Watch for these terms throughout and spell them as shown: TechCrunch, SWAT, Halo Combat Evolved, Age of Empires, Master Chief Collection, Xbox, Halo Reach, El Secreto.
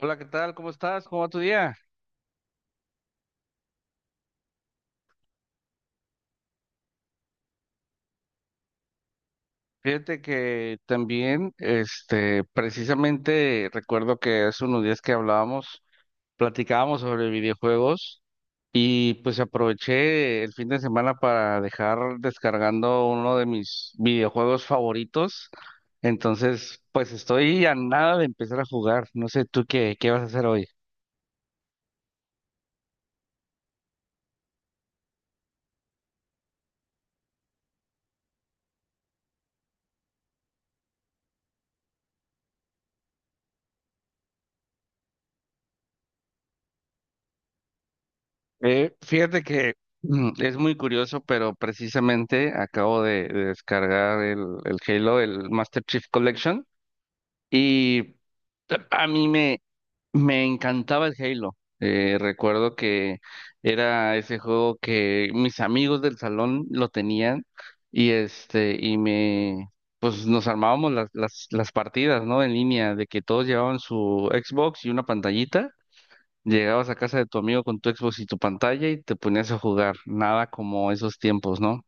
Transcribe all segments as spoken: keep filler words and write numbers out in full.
Hola, ¿qué tal? ¿Cómo estás? ¿Cómo va tu día? Fíjate que también, este, precisamente recuerdo que hace unos días que hablábamos, platicábamos sobre videojuegos y pues aproveché el fin de semana para dejar descargando uno de mis videojuegos favoritos. Entonces, pues estoy a nada de empezar a jugar. No sé tú qué, qué vas a hacer hoy. Eh, fíjate que mm, es muy curioso, pero precisamente acabo de, de descargar el, el Halo, el Master Chief Collection, y a mí me, me encantaba el Halo. Eh, recuerdo que era ese juego que mis amigos del salón lo tenían y este, y me, pues nos armábamos las, las, las partidas, ¿no? En línea, de que todos llevaban su Xbox y una pantallita. Llegabas a casa de tu amigo con tu Xbox y tu pantalla y te ponías a jugar. Nada como esos tiempos, ¿no?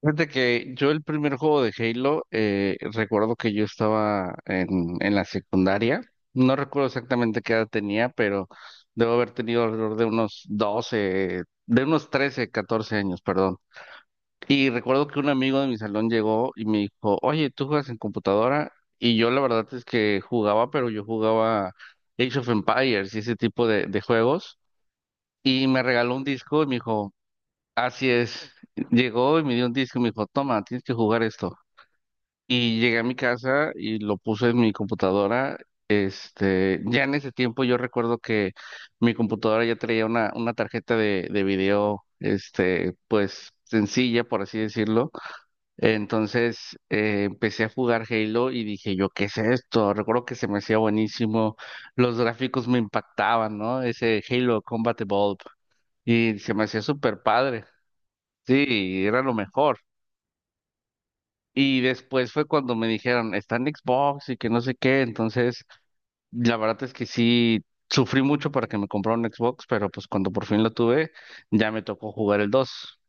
Fíjate que yo el primer juego de Halo, eh, recuerdo que yo estaba en, en la secundaria. No recuerdo exactamente qué edad tenía, pero debo haber tenido alrededor de unos doce de unos trece catorce años, perdón. Y recuerdo que un amigo de mi salón llegó y me dijo, oye, ¿tú juegas en computadora? Y yo la verdad es que jugaba, pero yo jugaba Age of Empires y ese tipo de de juegos. Y me regaló un disco y me dijo, así es. Llegó y me dio un disco y me dijo, toma, tienes que jugar esto. Y llegué a mi casa y lo puse en mi computadora. Este, ya en ese tiempo yo recuerdo que mi computadora ya traía una, una tarjeta de, de video, este, pues sencilla, por así decirlo. Entonces eh, empecé a jugar Halo y dije yo, ¿qué es esto? Recuerdo que se me hacía buenísimo, los gráficos me impactaban, ¿no? Ese Halo Combat Evolved. Y se me hacía súper padre. Sí, era lo mejor. Y después fue cuando me dijeron, está en Xbox y que no sé qué. Entonces, la verdad es que sí, sufrí mucho para que me comprara un Xbox, pero pues cuando por fin lo tuve, ya me tocó jugar el dos.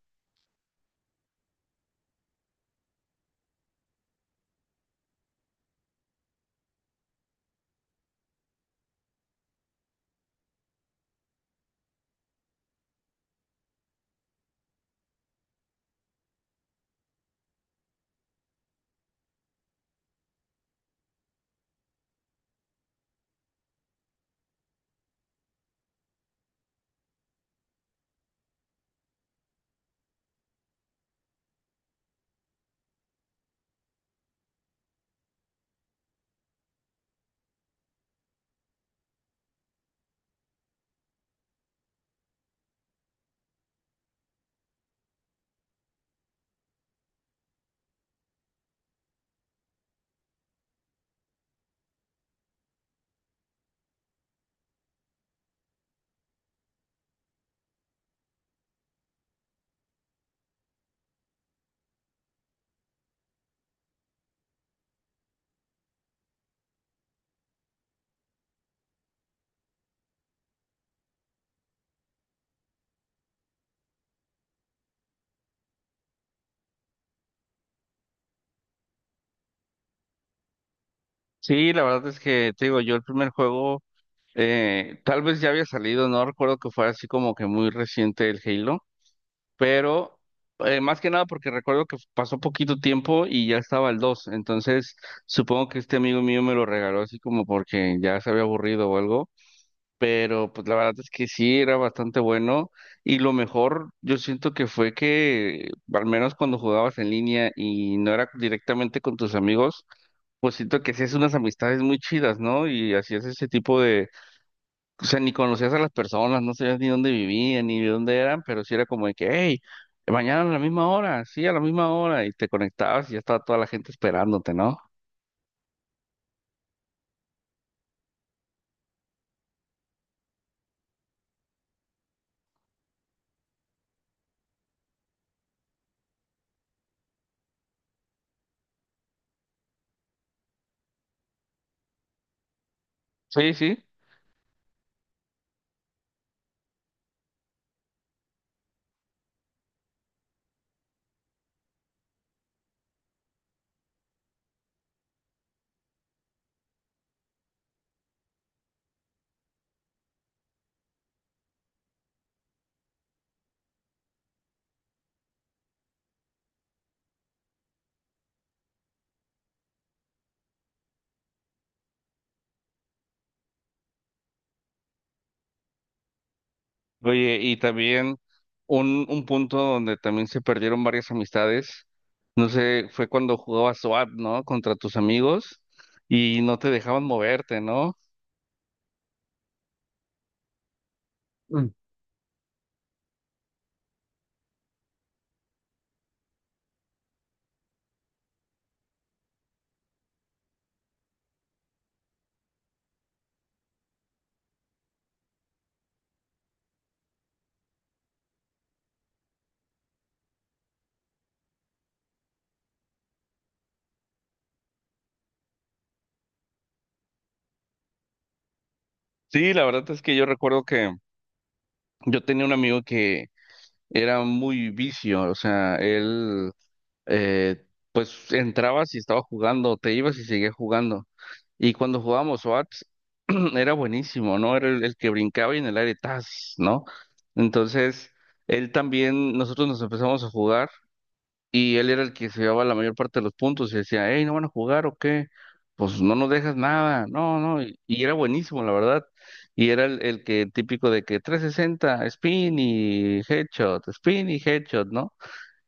Sí, la verdad es que, te digo, yo el primer juego, eh, tal vez ya había salido, no recuerdo que fuera así como que muy reciente el Halo, pero eh, más que nada porque recuerdo que pasó poquito tiempo y ya estaba el dos, entonces supongo que este amigo mío me lo regaló así como porque ya se había aburrido o algo, pero pues la verdad es que sí, era bastante bueno y lo mejor yo siento que fue que al menos cuando jugabas en línea y no era directamente con tus amigos, pues siento que hacías unas amistades muy chidas, ¿no? Y hacías ese tipo, o sea, ni conocías a las personas, no sabías ni dónde vivían, ni de dónde eran, pero sí era como de que, hey, mañana a la misma hora, sí, a la misma hora, y te conectabas y ya estaba toda la gente esperándote, ¿no? Sí, sí. Oye, y también un, un punto donde también se perdieron varias amistades, no sé, fue cuando jugabas SWAT, ¿no? Contra tus amigos y no te dejaban moverte, ¿no? Mm. Sí, la verdad es que yo recuerdo que yo tenía un amigo que era muy vicio, o sea, él eh, pues entrabas y estaba jugando, te ibas y seguías jugando. Y cuando jugábamos SWAT, era buenísimo, ¿no? Era el, el que brincaba y en el aire, ¡tas! ¿No? Entonces, él también, nosotros nos empezamos a jugar y él era el que se llevaba la mayor parte de los puntos y decía, hey, ¿no van a jugar o qué? Pues no nos dejas nada, no, no. Y, y era buenísimo, la verdad. Y era el, el que típico de que trescientos sesenta spin y headshot, spin y headshot, ¿no?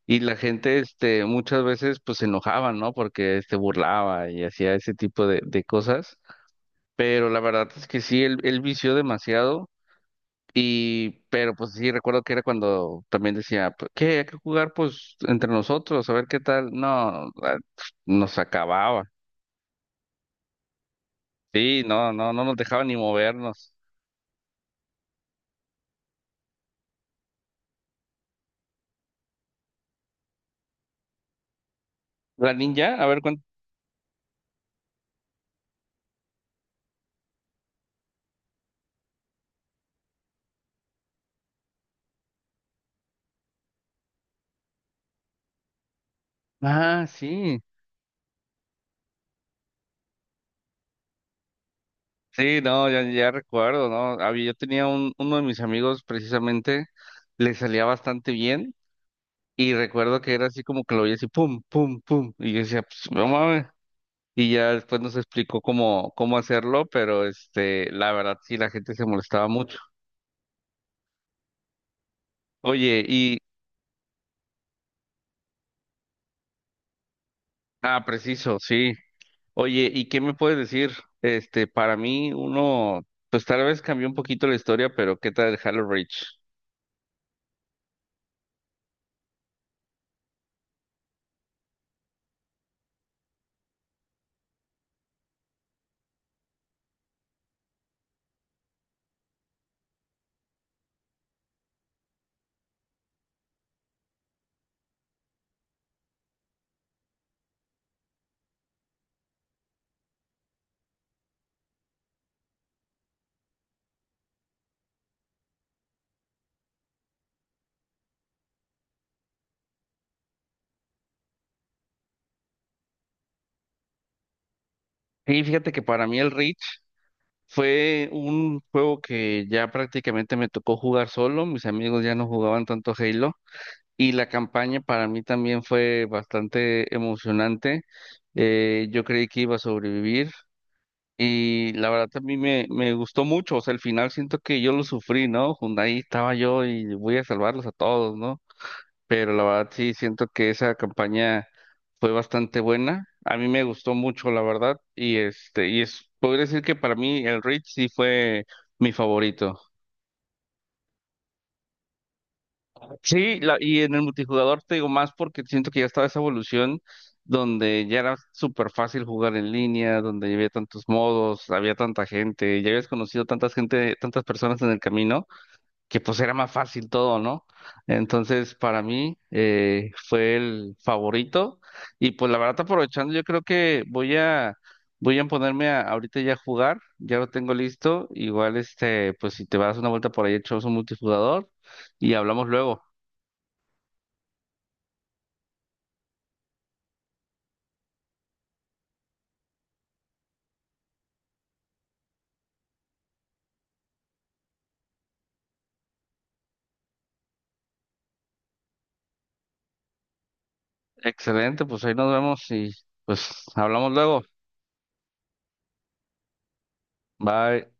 Y la gente, este, muchas veces, pues se enojaba, ¿no? Porque se burlaba y hacía ese tipo de, de cosas. Pero la verdad es que sí, él, él vició demasiado. Y, pero pues sí, recuerdo que era cuando también decía, "Pues, ¿qué? Hay que jugar, pues, entre nosotros, a ver qué tal. No, ah, nos acababa. Sí, no, no, no nos dejaba ni movernos. La ninja, a ver cuánto. Ah, sí. Sí, no, ya, ya recuerdo, ¿no? Había, yo tenía un, uno de mis amigos precisamente, le salía bastante bien. Y recuerdo que era así como que lo oía así, pum, pum, pum. Y yo decía, pues, no mames. Y ya después nos explicó cómo, cómo hacerlo, pero este, la verdad sí, la gente se molestaba mucho. Oye, y, ah, preciso, sí. Oye, ¿y qué me puedes decir? Este, para mí, uno, pues tal vez cambió un poquito la historia, pero ¿qué tal el Halo Reach? Sí, fíjate que para mí el Reach fue un juego que ya prácticamente me tocó jugar solo. Mis amigos ya no jugaban tanto Halo. Y la campaña para mí también fue bastante emocionante. Eh, yo creí que iba a sobrevivir y la verdad a mí me, me gustó mucho. O sea, al final siento que yo lo sufrí, ¿no? Jun- ahí estaba yo y voy a salvarlos a todos, ¿no? Pero la verdad sí siento que esa campaña fue bastante buena. A mí me gustó mucho, la verdad. Y este, y es, podría decir que para mí el Reach sí fue mi favorito. Sí, la- y en el multijugador te digo más porque siento que ya estaba esa evolución donde ya era súper fácil jugar en línea, donde ya había tantos modos, había tanta gente, ya habías conocido tantas gente, tantas personas en el camino, que pues era más fácil todo, ¿no? Entonces, para mí eh, fue el favorito y pues la verdad aprovechando, yo creo que voy a voy a ponerme a, ahorita ya a jugar, ya lo tengo listo, igual este, pues si te vas una vuelta por ahí echamos un multijugador y hablamos luego. Excelente, pues ahí nos vemos y pues hablamos luego. Bye.